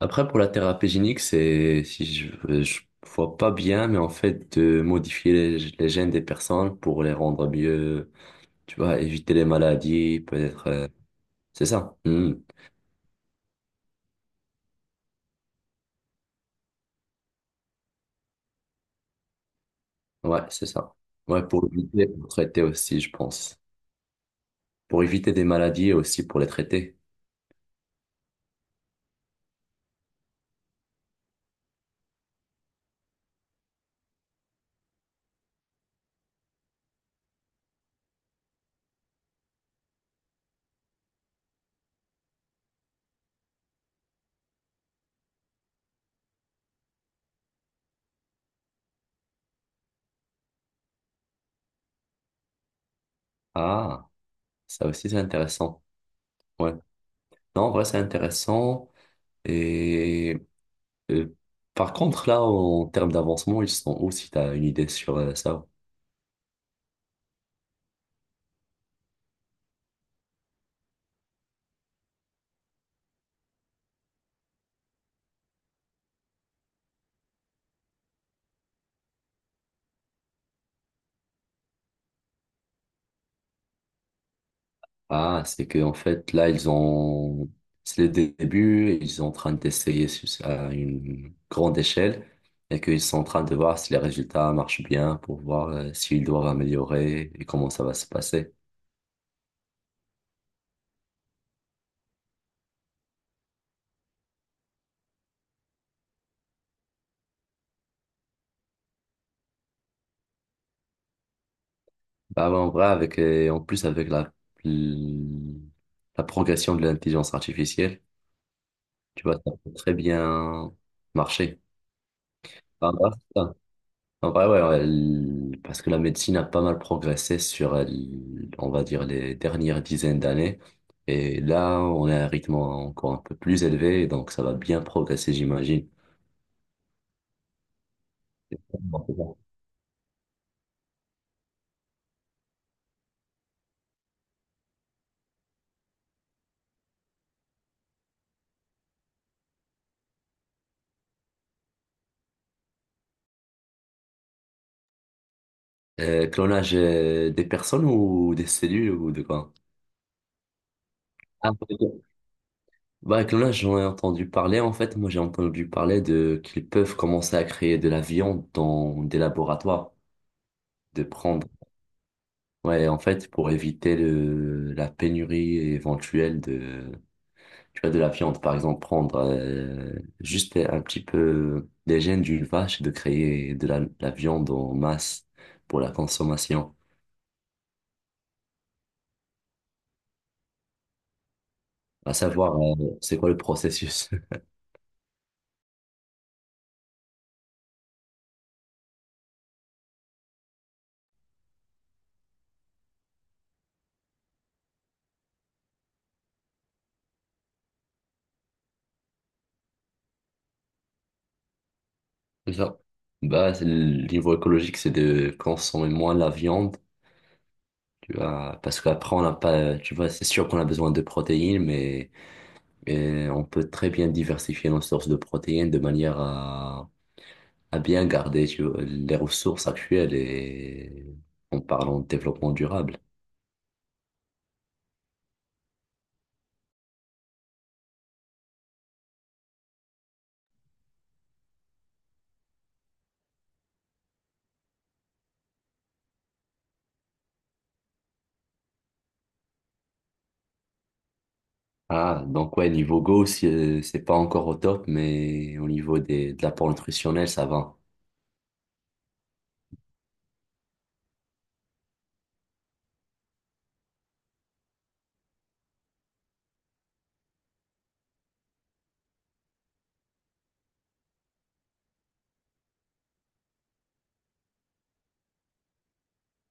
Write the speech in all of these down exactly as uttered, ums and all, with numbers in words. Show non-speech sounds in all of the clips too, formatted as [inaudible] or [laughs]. Après, pour la thérapie génique, c'est, si je, je vois pas bien, mais en fait, de modifier les, les gènes des personnes pour les rendre mieux, tu vois, éviter les maladies, peut-être, euh, c'est ça. Hmm. Ouais, c'est ça. Ouais, pour éviter, pour traiter aussi, je pense. Pour éviter des maladies et aussi pour les traiter. Ah, ça aussi, c'est intéressant. Ouais. Non, en vrai, c'est intéressant. Et euh, par contre, là, en termes d'avancement, ils sont où, si tu as une idée sur euh, ça? Ah, c'est que en fait, là, ils ont... C'est le dé- début, et ils sont en train d'essayer sur- à une grande échelle, et qu'ils sont en train de voir si les résultats marchent bien pour voir euh, s'ils doivent améliorer et comment ça va se passer. Bah, ouais, en vrai, avec, euh, en plus, avec la, la progression de l'intelligence artificielle. Tu vois, ça peut très bien marcher. Ah, bah, ça. En vrai, ouais, ouais, l- parce que la médecine a pas mal progressé sur, euh, l- on va dire, les dernières dizaines d'années. Et là, on est à un rythme encore un peu plus élevé, donc ça va bien progresser, j'imagine. Bon, c'est bon. Euh, clonage euh, des personnes ou des cellules ou de quoi? Ah, ok. Bah, clonage, j'en ai entendu parler. En fait, moi, j'ai entendu parler de qu'ils peuvent commencer à créer de la viande dans des laboratoires, de prendre. Ouais, en fait, pour éviter le, la pénurie éventuelle de, tu vois, de la viande, par exemple, prendre euh, juste un petit peu des gènes d'une vache et de créer de la, la viande en masse pour la consommation. À savoir, euh, c'est quoi le processus? [laughs] C'est ça. Bah, c'est le niveau écologique, c'est de consommer moins la viande, tu vois, parce qu'après, on n'a pas, tu vois, c'est sûr qu'on a besoin de protéines, mais, mais on peut très bien diversifier nos sources de protéines de manière à à bien garder tu vois, les ressources actuelles et en parlant de développement durable. Ah, donc ouais, niveau Go, c'est c'est pas encore au top, mais au niveau des, de l'apport nutritionnel, ça va.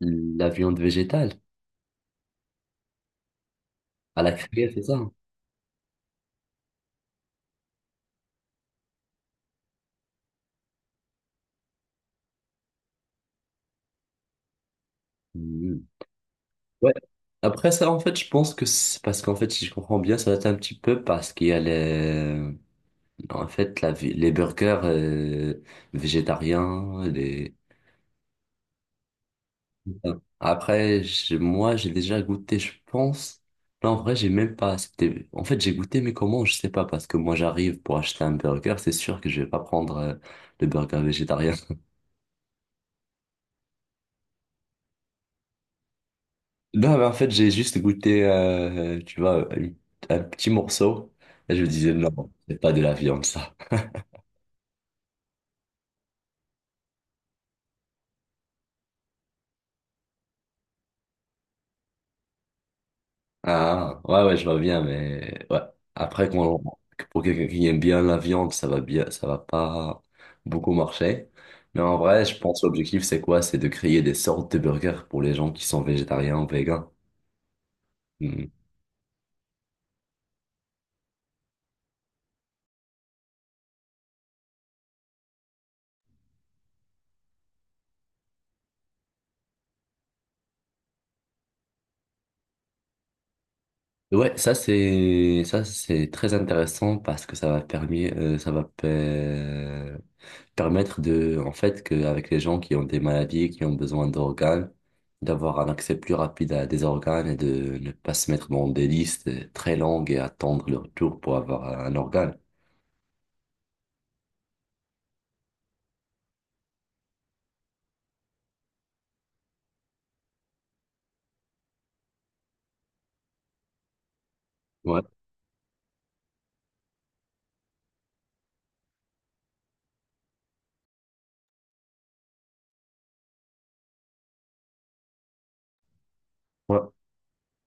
La viande végétale, à la criée, c'est ça? Mhm. Ouais. Après ça, en fait, je pense que c'est parce qu'en fait, si je comprends bien, ça doit être un petit peu parce qu'il y a les, en fait, la, vi- les burgers euh, végétariens, les. Bon. Après, j'ai- moi, j'ai déjà goûté, je pense. Là, en vrai, j'ai même pas. C'était... En fait, j'ai goûté, mais comment, je sais pas, parce que moi, j'arrive pour acheter un burger, c'est sûr que je vais pas prendre euh, le burger végétarien. [laughs] Non, mais en fait, j'ai juste goûté, euh, tu vois, une- un petit morceau, et je me disais, non, c'est pas de la viande, ça. Ah, ouais, ouais, je vois bien, mais ouais. Après, qu'on- pour quelqu'un qui aime bien la viande, ça va bien, ça va pas beaucoup marcher. Mais en vrai, je pense que l'objectif, c'est quoi? C'est de créer des sortes de burgers pour les gens qui sont végétariens ou végans. Hmm. Ouais, ça c'est ça c'est très intéressant parce que ça va permis euh, ça va permettre de, en fait, qu'avec les gens qui ont des maladies, qui ont besoin d'organes, d'avoir un accès plus rapide à des organes et de ne pas se mettre dans des listes très longues et attendre leur tour pour avoir un organe. Ouais, ouais.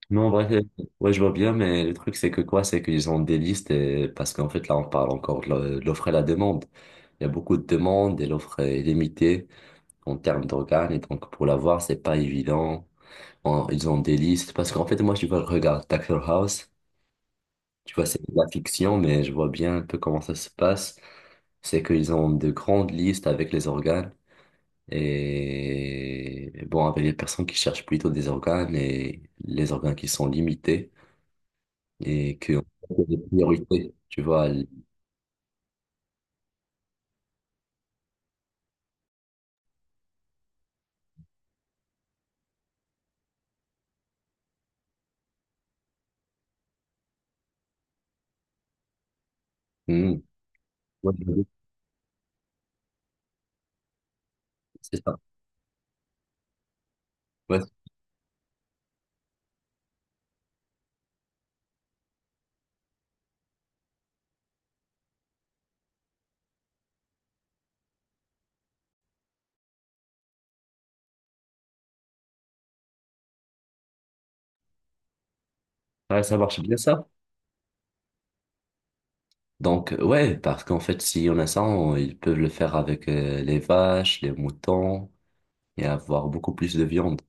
Non, en vrai, euh, ouais, je vois bien, mais le truc, c'est que quoi? C'est qu'ils ont des listes et parce qu'en fait, là, on parle encore de l'o- l'offre et la demande. Il y a beaucoup de demandes et l'offre est limitée en termes d'organes et donc pour l'avoir, c'est pas évident. En- Ils ont des listes parce qu'en fait, moi, je vois, je regarde Doctor House. Tu vois, c'est de la fiction, mais je vois bien un peu comment ça se passe. C'est qu'ils ont de grandes listes avec les organes et bon, avec les personnes qui cherchent plutôt des organes et les organes qui sont limités et qui ont des priorités, tu vois. L- Hmm. Ouais, c'est ça. Ouais. Ouais, ça marche bien ça. Donc, ouais, parce qu'en fait, si on a ça, on- ils peuvent le faire avec euh, les vaches, les moutons et avoir beaucoup plus de viande.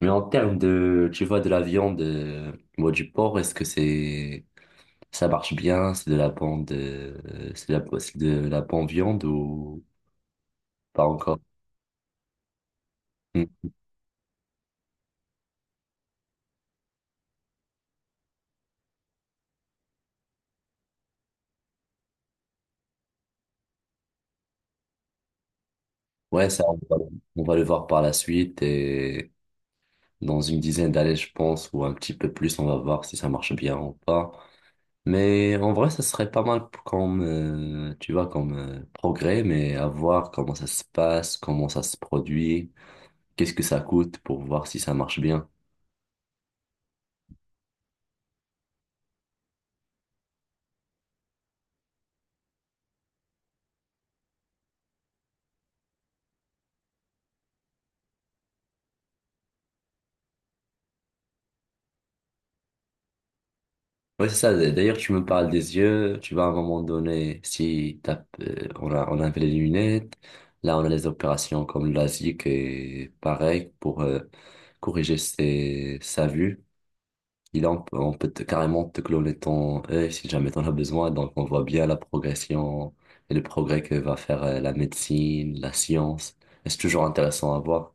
Mais en termes de, tu vois, de la viande, euh, ou du porc, est-ce que c'est, ça marche bien? C'est de la bonne, euh, c'est de la, c'est de la bonne viande ou pas encore? Hmm. Ouais, ça, on va, on va le voir par la suite et dans une dizaine d'années, je pense, ou un petit peu plus, on va voir si ça marche bien ou pas. Mais en vrai, ça serait pas mal comme, euh, tu vois, comme euh, progrès, mais à voir comment ça se passe, comment ça se produit. Qu'est-ce que ça coûte pour voir si ça marche bien? Ouais, c'est ça. D'ailleurs, tu me parles des yeux. Tu vas à un moment donné, si t'as, euh, on a, on avait les lunettes, là, on a les opérations comme la, et pareil pour euh, corriger ses, sa vue. Il en- on peut, on peut te- carrément te cloner ton œil si jamais t'en as besoin. Donc, on voit bien la progression et le progrès que va faire euh, la médecine, la science. Et c'est toujours intéressant à voir.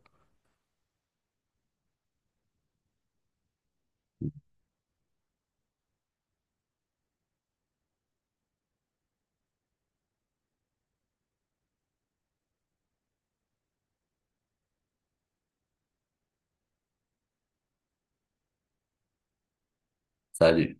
Salut.